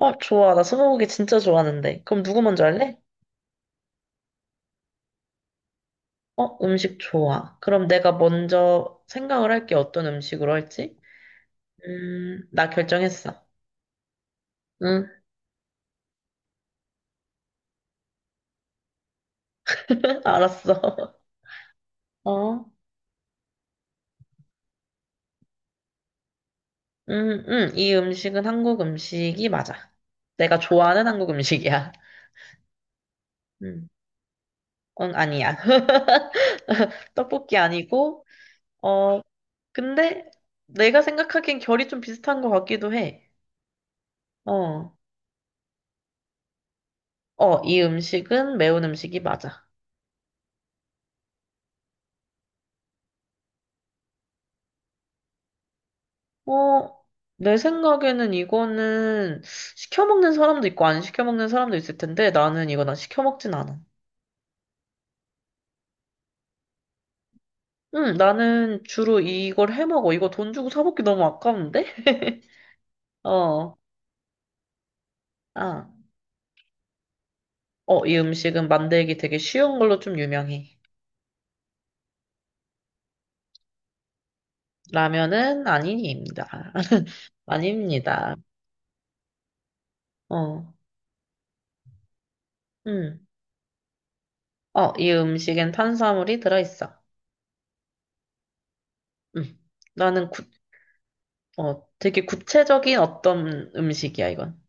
어, 좋아. 나 스무고개 진짜 좋아하는데. 그럼 누구 먼저 할래? 어, 음식 좋아. 그럼 내가 먼저 생각을 할게. 어떤 음식으로 할지? 나 결정했어. 응. 알았어. 어. 이 음식은 한국 음식이 맞아. 내가 좋아하는 한국 음식이야. 음. 응, 아니야. 떡볶이 아니고, 어, 근데 내가 생각하기엔 결이 좀 비슷한 것 같기도 해. 어. 어, 이 음식은 매운 음식이 맞아. 어, 내 생각에는 이거는 시켜 먹는 사람도 있고 안 시켜 먹는 사람도 있을 텐데 나는 이거 난 시켜 먹진 않아. 응, 나는 주로 이걸 해 먹어. 이거 돈 주고 사 먹기 너무 아까운데? 어. 아. 어, 이 음식은 만들기 되게 쉬운 걸로 좀 유명해. 라면은 아닙니다. 아닙니다. 어. 음, 어, 이 음식엔 탄수화물이 들어있어. 음. 나는 구, 되게 구체적인 어떤 음식이야, 이건.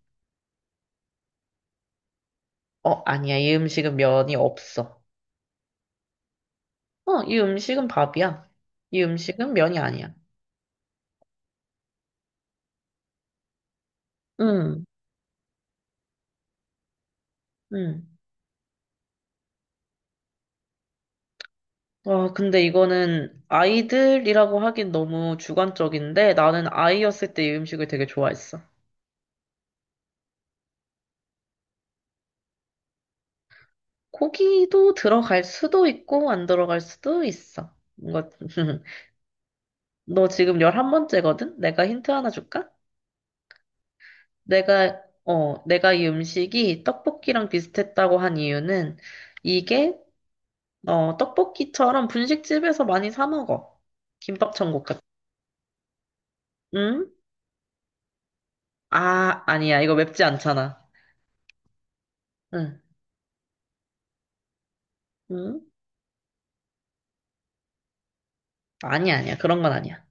어, 아니야. 이 음식은 면이 없어. 어, 이 음식은 밥이야. 이 음식은 면이 아니야. 응, 응. 와, 근데 이거는 아이들이라고 하긴 너무 주관적인데 나는 아이였을 때 이 음식을 되게 좋아했어. 고기도 들어갈 수도 있고 안 들어갈 수도 있어. 뭔가 너 지금 열한 번째거든 내가 힌트 하나 줄까? 내가 이 음식이 떡볶이랑 비슷했다고 한 이유는 이게 떡볶이처럼 분식집에서 많이 사 먹어. 김밥 천국 같 응? 아, 아니야. 이거 맵지 않잖아. 응. 응? 아니야, 아니야. 그런 건 아니야.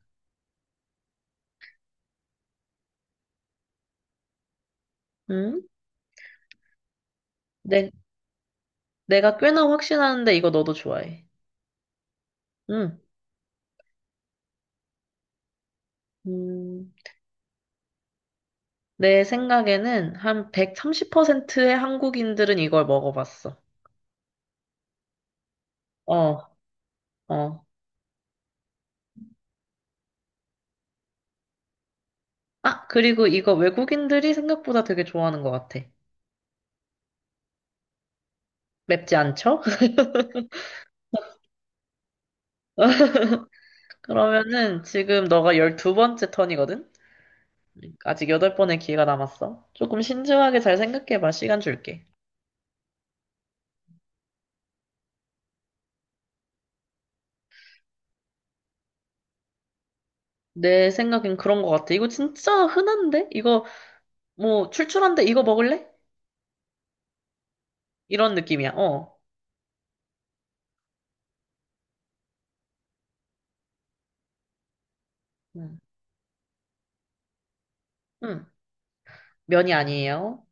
응? 내, 내가 꽤나 확신하는데 이거 너도 좋아해. 응. 음, 내 생각에는 한 130%의 한국인들은 이걸 먹어봤어. 어, 어. 아, 그리고 이거 외국인들이 생각보다 되게 좋아하는 것 같아. 맵지 않죠? 그러면은 지금 너가 12번째 턴이거든? 아직 여덟 번의 기회가 남았어. 조금 신중하게 잘 생각해봐. 시간 줄게. 내 생각엔 그런 것 같아. 이거 진짜 흔한데? 이거 뭐 출출한데 이거 먹을래? 이런 느낌이야. 어. 음. 음. 면이 아니에요.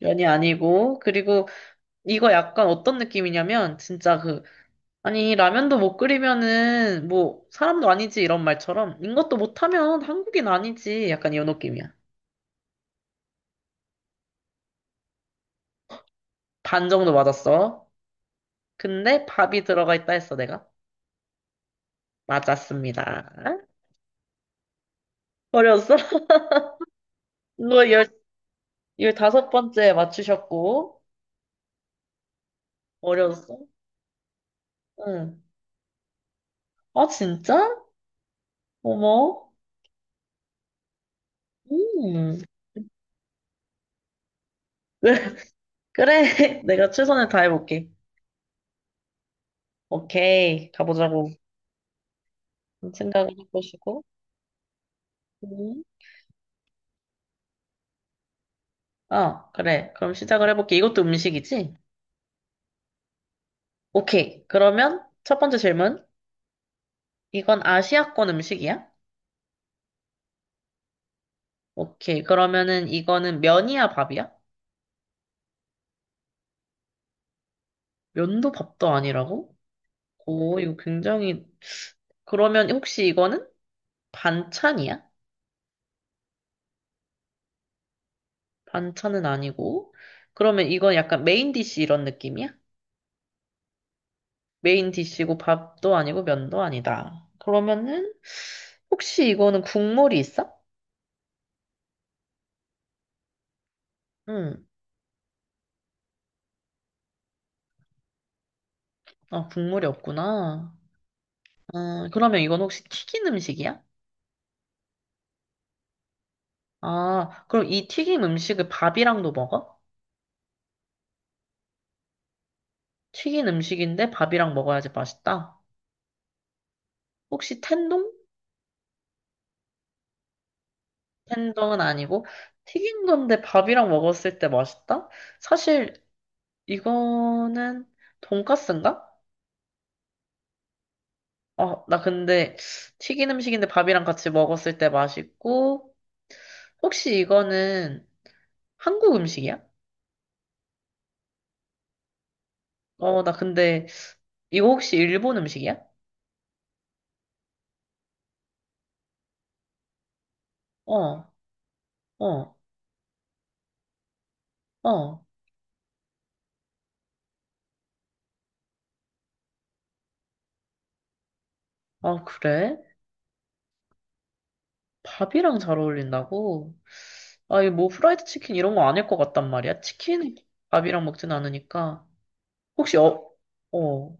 면이 아니고 그리고 이거 약간 어떤 느낌이냐면 진짜 그 아니 라면도 못 끓이면은 뭐 사람도 아니지 이런 말처럼 이것도 못하면 한국인 아니지 약간 이런 느낌이야. 반 정도 맞았어. 근데 밥이 들어가 있다 했어 내가. 맞았습니다. 어려웠어? 너 15번째 맞추셨고, 어려웠어? 응. 아, 진짜? 어머. 음. 그래, 내가 최선을 다해볼게. 오케이, 가보자고. 생각을 해보시고. 음. 아, 그래. 그럼 시작을 해볼게. 이것도 음식이지? 오케이. 그러면 첫 번째 질문. 이건 아시아권 음식이야? 오케이. 그러면은 이거는 면이야, 밥이야? 면도 밥도 아니라고? 오, 이거 굉장히, 그러면 혹시 이거는 반찬이야? 반찬은 아니고. 그러면 이건 약간 메인 디쉬 이런 느낌이야? 메인 디쉬고 밥도 아니고 면도 아니다. 그러면은, 혹시 이거는 국물이 있어? 응. 아, 국물이 없구나. 그러면 이건 혹시 튀긴 음식이야? 아, 그럼 이 튀긴 음식을 밥이랑도 먹어? 튀긴 음식인데 밥이랑 먹어야지 맛있다. 혹시 텐동? 햄버거는 아니고 튀긴 건데 밥이랑 먹었을 때 맛있다? 사실 이거는 돈까스인가? 아, 나 근데 튀긴 음식인데 밥이랑 같이 먹었을 때 맛있고 혹시 이거는 한국 음식이야? 어, 나 근데 이거 혹시 일본 음식이야? 어, 어, 어. 아, 그래? 밥이랑 잘 어울린다고? 아, 이거 뭐 프라이드 치킨 이런 거 아닐 것 같단 말이야. 치킨 밥이랑 먹진 않으니까. 혹시 어, 어,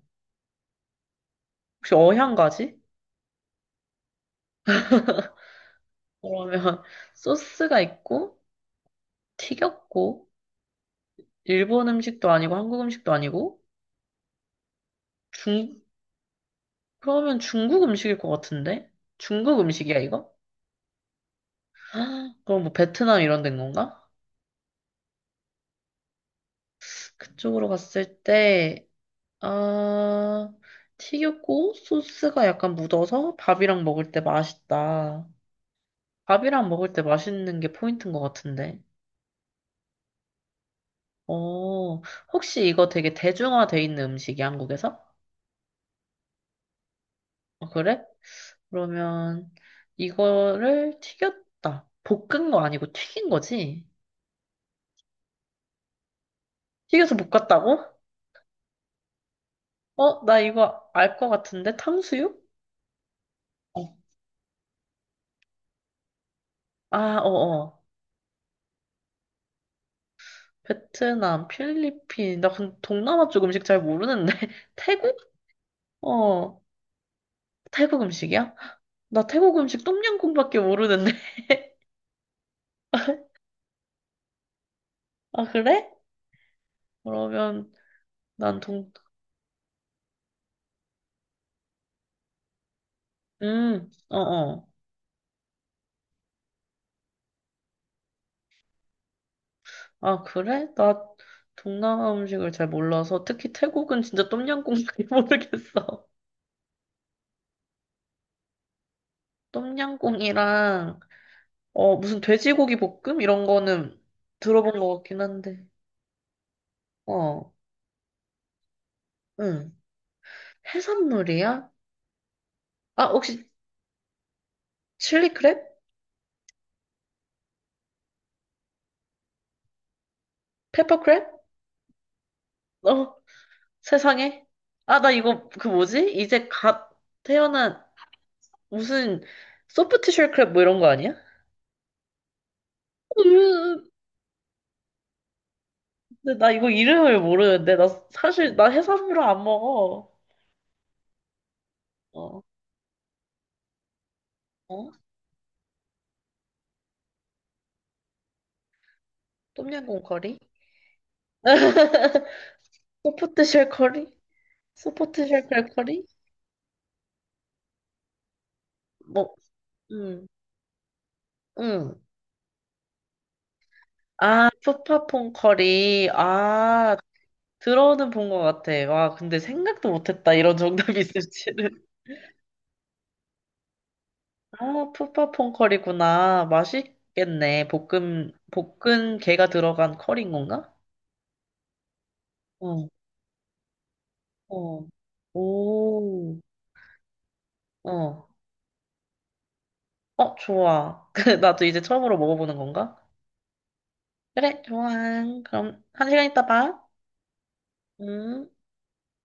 혹시 어향가지? 그러면 소스가 있고 튀겼고 일본 음식도 아니고 한국 음식도 아니고 중 그러면 중국 음식일 것 같은데? 중국 음식이야 이거? 그럼 뭐 베트남 이런 데인 건가? 그쪽으로 갔을 때 아, 튀겼고 소스가 약간 묻어서 밥이랑 먹을 때 맛있다. 밥이랑 먹을 때 맛있는 게 포인트인 것 같은데. 어, 혹시 이거 되게 대중화돼 있는 음식이 한국에서? 아, 그래? 그러면 이거를 튀겼다. 볶은 거 아니고 튀긴 거지? 튀겨서 볶았다고? 어, 나 이거 알 것 같은데? 탕수육? 어. 아, 어어. 베트남, 필리핀. 나 근데 동남아 쪽 음식 잘 모르는데. 태국? 어, 태국 음식이야? 나 태국 음식 똠양꿍밖에 모르는데. 아, 그래? 그러면 난 동, 어어. 아, 그래? 나 동남아 음식을 잘 몰라서 특히 태국은 진짜 똠양꿍밖에 모르겠어. 똠양꿍이랑 무슨 돼지고기 볶음 이런 거는 들어본 것 같긴 한데. 어, 응. 해산물이야? 아, 혹시 칠리 크랩? 페퍼 크랩? 어, 세상에. 아, 나 이거 그 뭐지? 이제 갓 태어난 무슨 소프트쉘 크랩 뭐 이런 거 아니야? 으, 근데 나 이거 이름을 모르는데 나 사실 나 해산물을 안 먹어. 어, 어? 똠양꿍 커리? 소포트 쉘 커리? 소포트 쉘 커리? 뭐, 음, 음. 아, 푸파퐁 커리. 아, 들어는 본 것 같아. 와, 근데 생각도 못했다. 이런 정답이 있을지는. 아, 푸파퐁 커리구나. 맛있겠네. 볶은 게가 들어간 커리인 건가? 어, 어. 오, 어. 어, 좋아. 그, 나도 이제 처음으로 먹어보는 건가? 그래, 좋아. 그럼 1시간 있다 봐. 응.